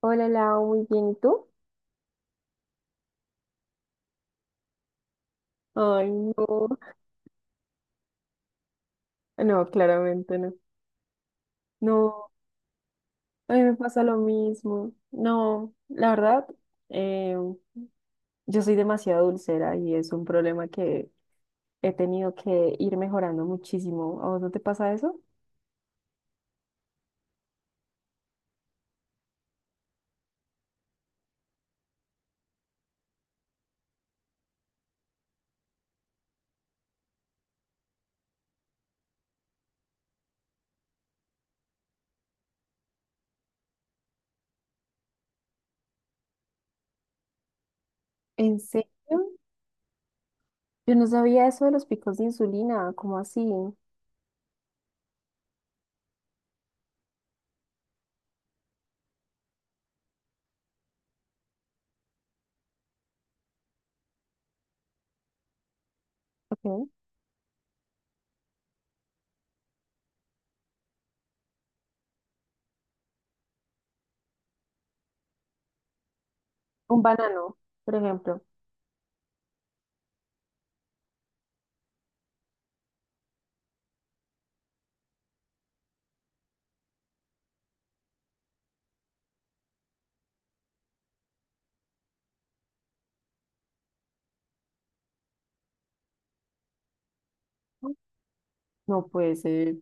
Hola, Lau, muy bien. ¿Y tú? Ay, no. No, claramente no. No, a mí me pasa lo mismo. No, la verdad, eh, yo soy demasiado dulcera y es un problema que he tenido que ir mejorando muchísimo. ¿A vos no te pasa eso? ¿En serio? Yo no sabía eso de los picos de insulina. ¿Cómo así? ¿Qué? Un banano, por ejemplo. No puede ser,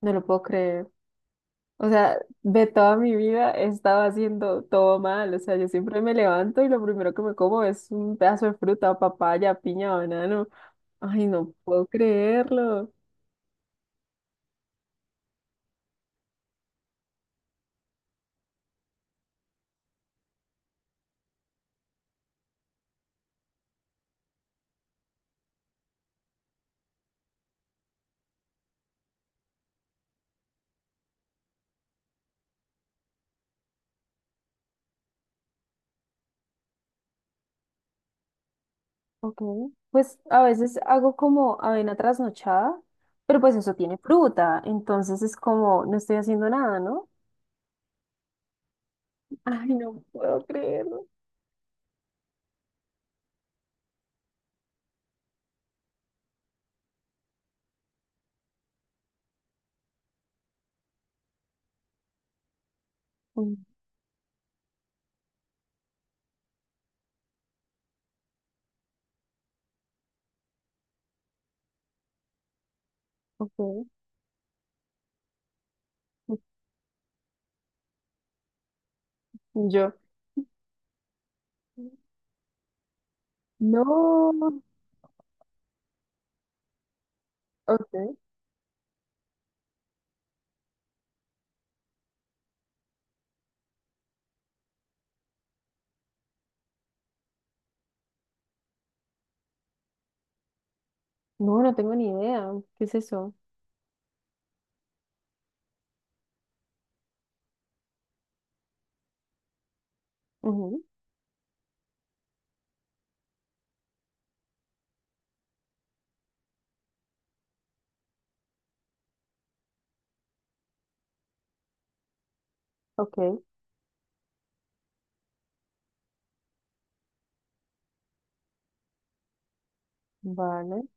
no lo puedo creer. O sea, de toda mi vida he estado haciendo todo mal. O sea, yo siempre me levanto y lo primero que me como es un pedazo de fruta, papaya, piña, banano. Ay, no puedo creerlo. Ok. Pues a veces hago como avena trasnochada, pero pues eso tiene fruta. Entonces es como, no estoy haciendo nada, ¿no? Ay, no puedo creerlo. Mm, ok. Yo, no. Ok. No, no tengo ni idea. ¿Qué es eso? Ujú. Ok, vale.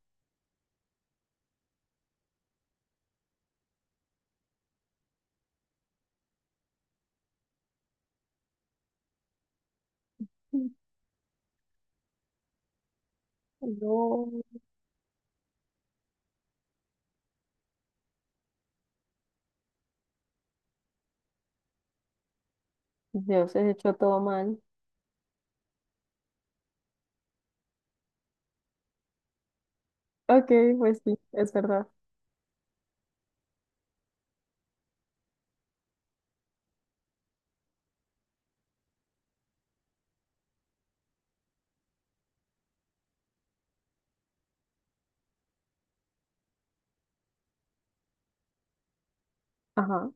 No. Dios, he hecho todo mal. Ok, pues sí, es verdad. Ajá.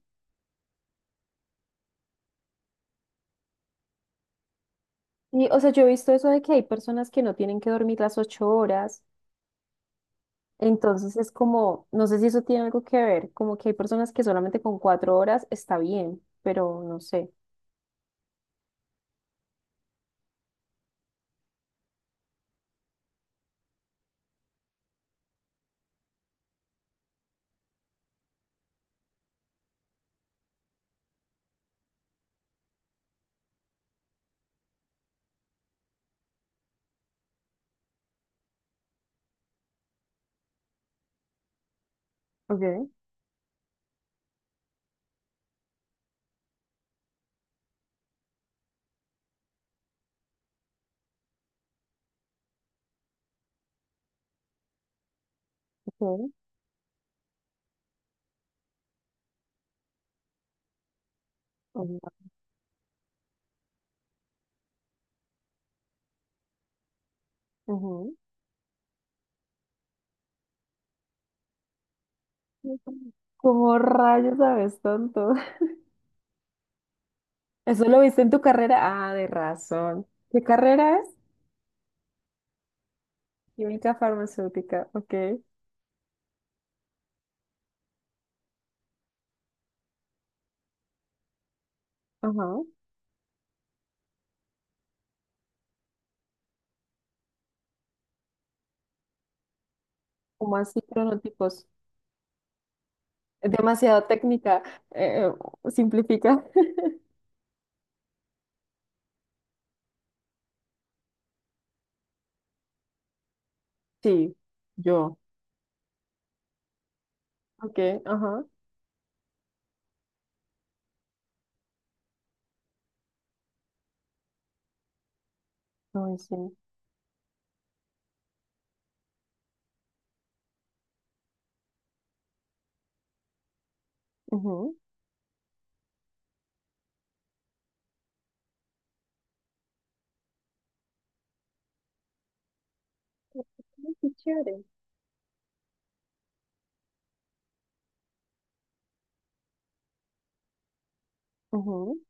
Y, o sea, yo he visto eso de que hay personas que no tienen que dormir las 8 horas. Entonces es como, no sé si eso tiene algo que ver, como que hay personas que solamente con 4 horas está bien, pero no sé. Okay, okay. Ujú. Ujú. Como rayos sabes tanto? ¿Eso lo viste en tu carrera? Ah, de razón. ¿Qué carrera es? Química farmacéutica, ok. Ajá. ¿Cómo así cronotipos? Es demasiado técnica. eh, simplifica. Sí, yo. Ok, ajá. Ay, sí. Ujú. Ay, qué chévere. Ujú.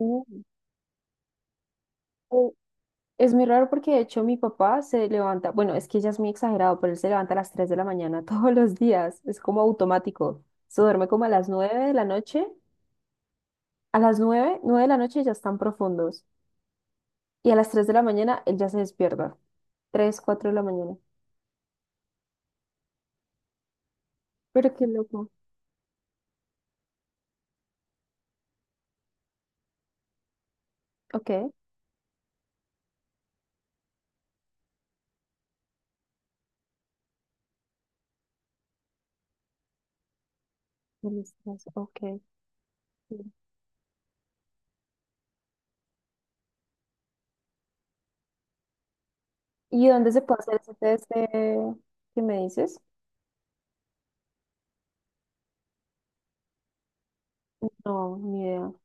Mm, eh, Es muy raro porque de hecho mi papá se levanta, bueno, es que ya es muy exagerado, pero él se levanta a las 3 de la mañana todos los días, es como automático. Se duerme como a las 9 de la noche. A las 9, 9 de la noche ya están profundos. Y a las 3 de la mañana él ya se despierta. 3, 4 de la mañana. Pero qué loco. Ok, a las 3, ok. ¿Y dónde se puede hacer ese test que me dices? No, ni idea. O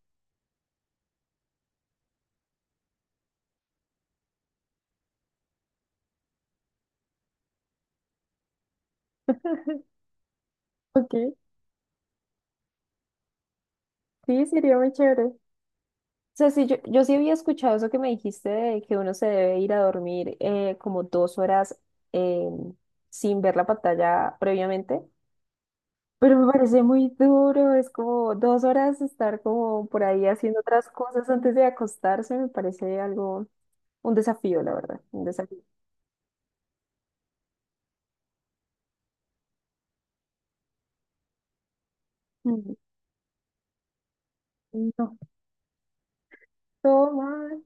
Ok, sí, sería muy chévere. O sea, sí, yo sí había escuchado eso que me dijiste de que uno se debe ir a dormir como 2 horas, eh, sin ver la pantalla previamente. Pero me parece muy duro, es como 2 horas estar como por ahí haciendo otras cosas antes de acostarse, me parece algo, un desafío, la verdad, un desafío. Mm, no, todo mal.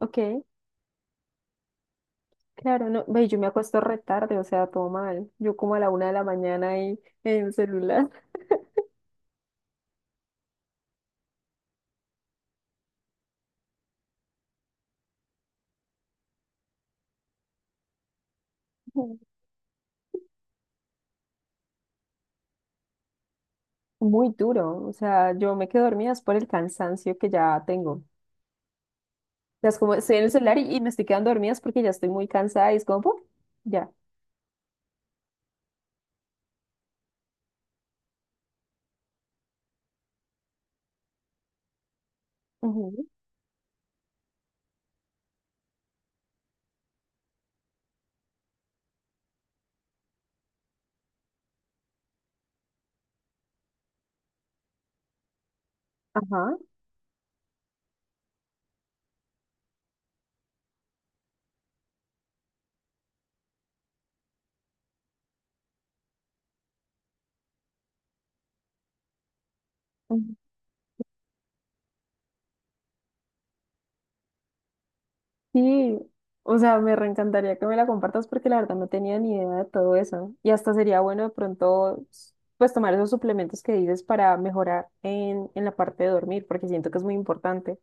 Ok, claro, no, ve, yo me acuesto re tarde, o sea, todo mal. Yo como a la 1 de la mañana ahí en el celular. Mm. Muy duro, o sea, yo me quedo dormida es por el cansancio que ya tengo. O sea, es como estoy en el celular y me estoy quedando dormida es porque ya estoy muy cansada y es como, ¡pum! Ya. Ujú. Ajá. Ujú. Sí, o sea, me reencantaría que me la compartas porque la verdad no tenía ni idea de todo eso. Y hasta sería bueno de pronto, pues tomar esos suplementos que dices para mejorar en la parte de dormir, porque siento que es muy importante.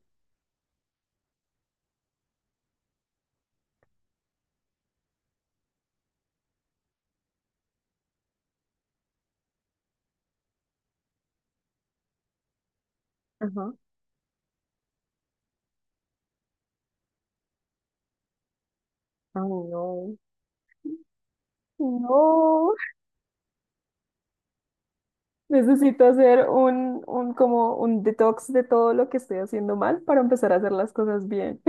Ajá. Ay, no. No, necesito hacer un como un detox de todo lo que estoy haciendo mal para empezar a hacer las cosas bien.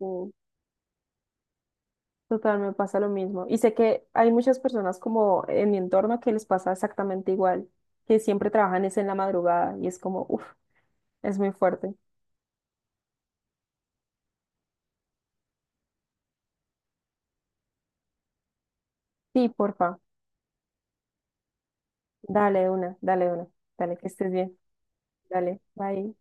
Total, me pasa lo mismo. Y sé que hay muchas personas como en mi entorno que les pasa exactamente igual, que siempre trabajan es en la madrugada y es como, uff, es muy fuerte. Sí, porfa, dale una, dale una, dale, que estés bien, dale, bye.